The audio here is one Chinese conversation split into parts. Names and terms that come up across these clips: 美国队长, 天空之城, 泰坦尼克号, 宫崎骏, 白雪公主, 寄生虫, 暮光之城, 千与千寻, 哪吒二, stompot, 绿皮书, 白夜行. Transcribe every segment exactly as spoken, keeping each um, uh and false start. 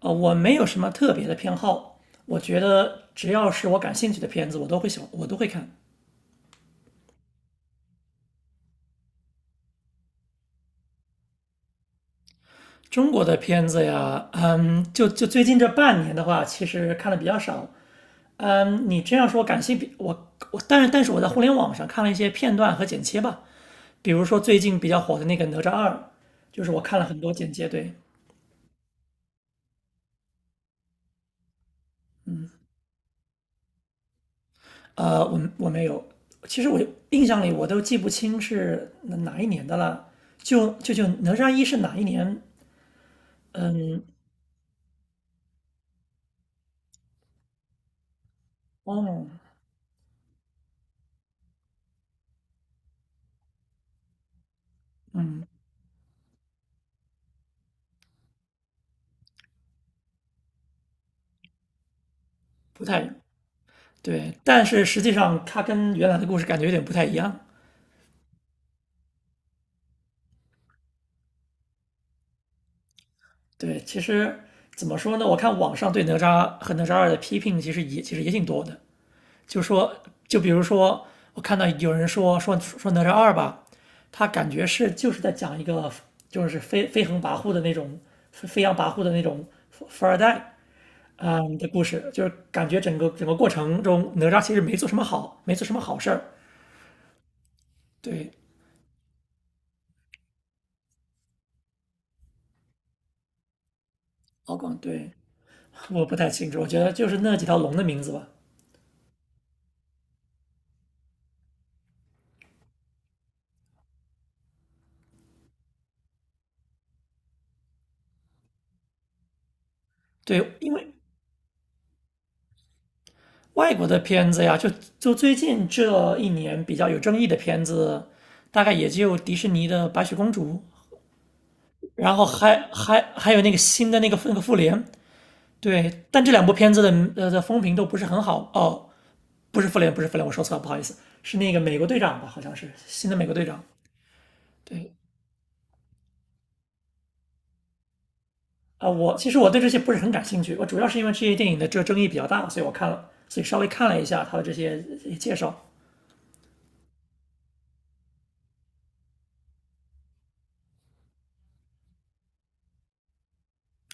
呃，我没有什么特别的偏好，我觉得只要是我感兴趣的片子，我都会喜欢，我都会看。中国的片子呀，嗯，就就最近这半年的话，其实看的比较少。嗯，你这样说感兴趣，我我，但是但是我在互联网上看了一些片段和剪切吧，比如说最近比较火的那个《哪吒二》，就是我看了很多剪切。对，呃，我我没有，其实我印象里我都记不清是哪哪一年的了。就就就哪吒一是哪一年？嗯，哦，不太对，但是实际上它跟原来的故事感觉有点不太一样。对，其实怎么说呢？我看网上对哪吒和哪吒二的批评其实也其实也挺多的，就说就比如说我看到有人说说说哪吒二吧，他感觉是就是在讲一个就是飞飞横跋扈的那种飞扬跋扈的那种富二代。嗯的故事，就是感觉整个整个过程中，哪吒其实没做什么好，没做什么好事儿。对，敖广对，我不太清楚，我觉得就是那几条龙的名字吧。对，因为外国的片子呀，就就最近这一年比较有争议的片子，大概也就迪士尼的《白雪公主》，然后还还还有那个新的那个那个复联。对，但这两部片子的呃的风评都不是很好哦，不是复联，不是复联，我说错了，不好意思，是那个美国队长吧，好像是新的美国队长。对啊，我其实我对这些不是很感兴趣，我主要是因为这些电影的这个争议比较大，所以我看了，所以稍微看了一下他的这些介绍。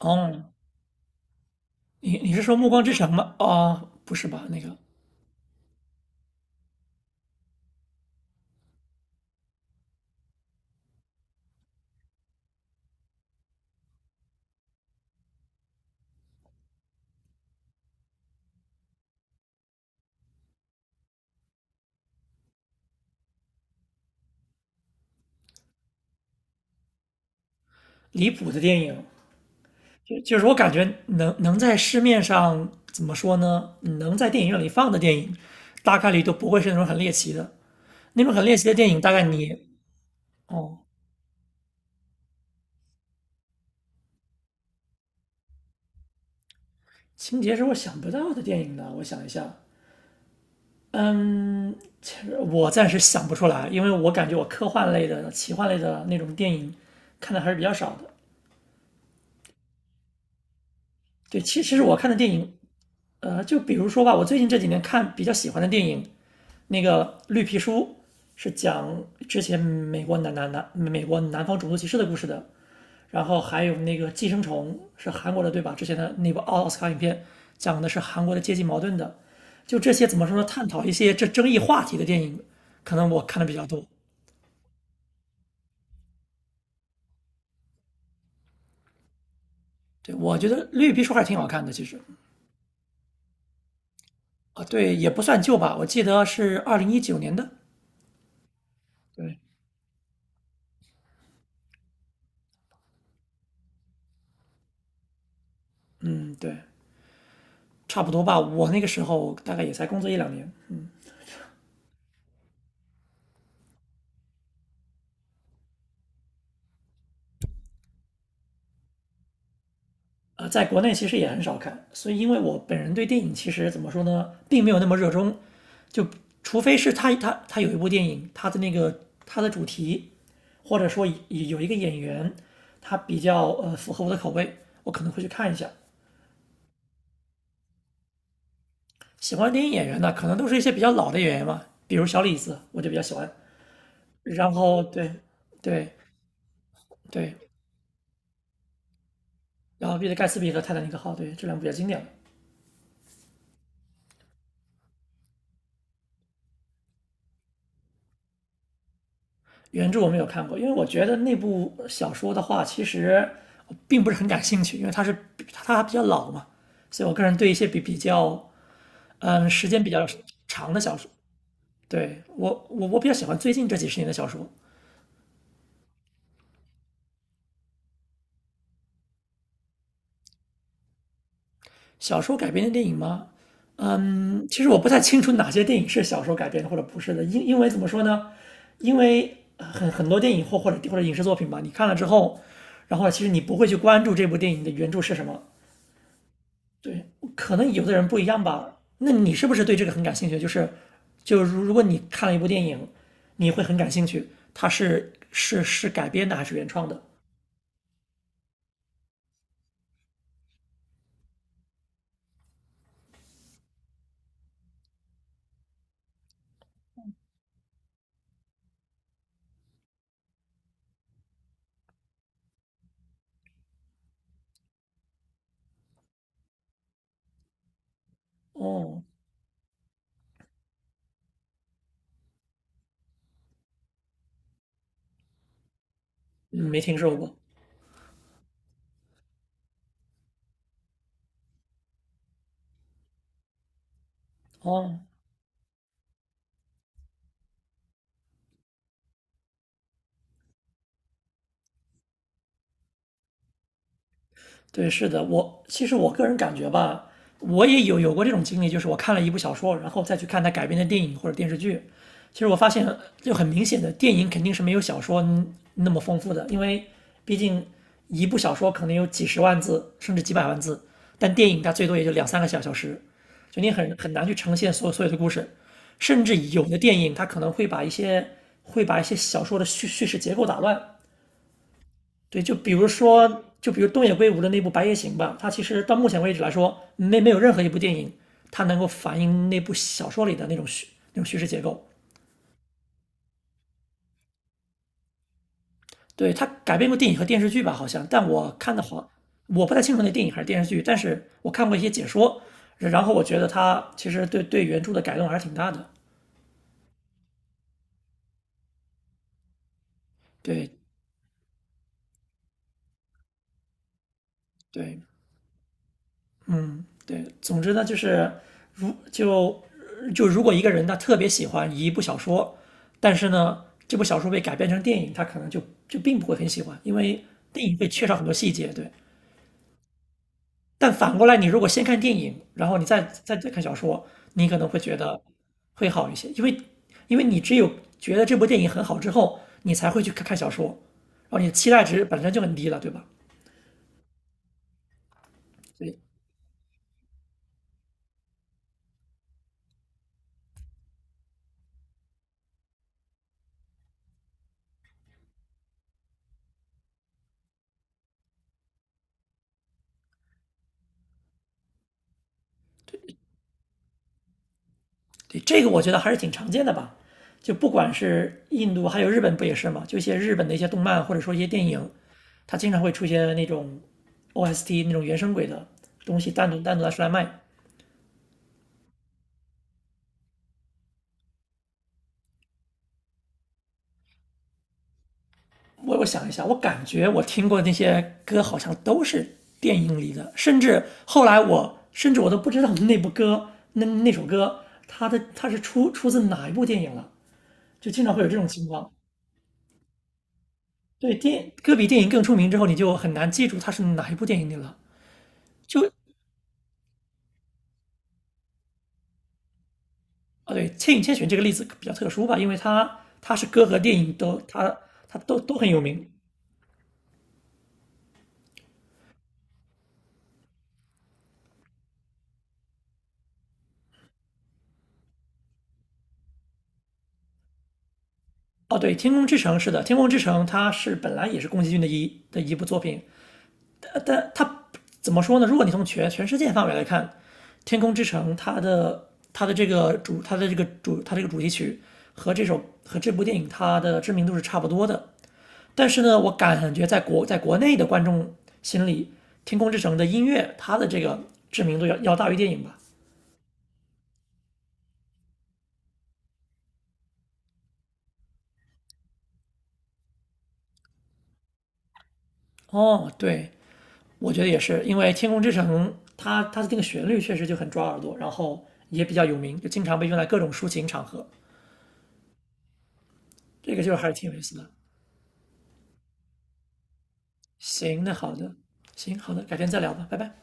哦，你你是说《暮光之城》吗？哦，不是吧？那个离谱的电影，就就是我感觉能能在市面上怎么说呢？能在电影院里放的电影，大概率都不会是那种很猎奇的。那种很猎奇的电影，大概你哦，情节是我想不到的电影呢。我想一下，嗯，其实我暂时想不出来，因为我感觉我科幻类的、奇幻类的那种电影看的还是比较少的。对，其其实我看的电影，呃，就比如说吧，我最近这几年看比较喜欢的电影，那个绿皮书是讲之前美国南南南美国南方种族歧视的故事的，然后还有那个寄生虫是韩国的对吧？之前的那部奥斯卡影片讲的是韩国的阶级矛盾的，就这些怎么说呢？探讨一些这争议话题的电影，可能我看的比较多。对，我觉得绿皮书还是挺好看的，其实啊，对，也不算旧吧，我记得是二零一九年的，对，嗯，对，差不多吧，我那个时候大概也才工作一两年。呃，在国内其实也很少看，所以因为我本人对电影其实怎么说呢，并没有那么热衷，就除非是他他他有一部电影，他的那个他的主题，或者说有有一个演员，他比较呃符合我的口味，我可能会去看一下。喜欢的电影演员呢，可能都是一些比较老的演员嘛，比如小李子，我就比较喜欢。然后对对对，然后彼得盖茨比和泰坦尼克号，对这两部比较经典。原著我没有看过，因为我觉得那部小说的话，其实我并不是很感兴趣，因为它是它比较老嘛，所以我个人对一些比比较嗯时间比较长的小说，对我我我比较喜欢最近这几十年的小说。小说改编的电影吗？嗯，其实我不太清楚哪些电影是小说改编的或者不是的，因因为怎么说呢？因为呃很很多电影或或者或者影视作品吧，你看了之后，然后其实你不会去关注这部电影的原著是什么，对，可能有的人不一样吧。那你是不是对这个很感兴趣？就是，就如如果你看了一部电影，你会很感兴趣，它是是是改编的还是原创的？哦，嗯没听说过。哦。对，是的，我其实我个人感觉吧，我也有有过这种经历，就是我看了一部小说，然后再去看它改编的电影或者电视剧，其实我发现就很明显的，电影肯定是没有小说那么丰富的，因为毕竟一部小说可能有几十万字甚至几百万字，但电影它最多也就两三个小小时，就你很很难去呈现所有所有的故事，甚至有的电影它可能会把一些会把一些小说的叙叙事结构打乱。对，就比如说，就比如东野圭吾的那部《白夜行》吧，它其实到目前为止来说，没没有任何一部电影它能够反映那部小说里的那种叙那种叙事结构。对，它改编过电影和电视剧吧，好像，但我看的话，我不太清楚那电影还是电视剧，但是我看过一些解说，然后我觉得它其实对对原著的改动还是挺大的。对对，嗯，对，总之呢，就是如就就如果一个人他特别喜欢一部小说，但是呢，这部小说被改编成电影，他可能就就并不会很喜欢，因为电影会缺少很多细节。对，但反过来，你如果先看电影，然后你再再再看小说，你可能会觉得会好一些，因为因为你只有觉得这部电影很好之后，你才会去看看小说，然后你的期待值本身就很低了，对吧？所以对，这个我觉得还是挺常见的吧。就不管是印度，还有日本不也是吗？就一些日本的一些动漫或者说一些电影，它经常会出现那种 O S T 那种原声轨的东西单独单独拿出来卖。我我想一下，我感觉我听过的那些歌好像都是电影里的，甚至后来我甚至我都不知道那部歌那那首歌它的它是出出自哪一部电影了，就经常会有这种情况。对电歌比电影更出名之后，你就很难记住它是哪一部电影里了。就哦，对，《千与千寻》这个例子比较特殊吧，因为它它是歌和电影都它它都都很有名。哦，对，《天空之城》是的，《天空之城》它是本来也是宫崎骏的一的一部作品，但但它怎么说呢？如果你从全全世界范围来看，《天空之城》它的它的这个主它的这个主它这个主题曲和这首和这部电影它的知名度是差不多的。但是呢，我感觉在国在国内的观众心里，《天空之城》的音乐它的这个知名度要要大于电影吧。哦，对，我觉得也是，因为《天空之城》它它的这个旋律确实就很抓耳朵，然后也比较有名，就经常被用来各种抒情场合，这个就是还是挺有意思的。行，那好的，行好的，改天再聊吧，拜拜。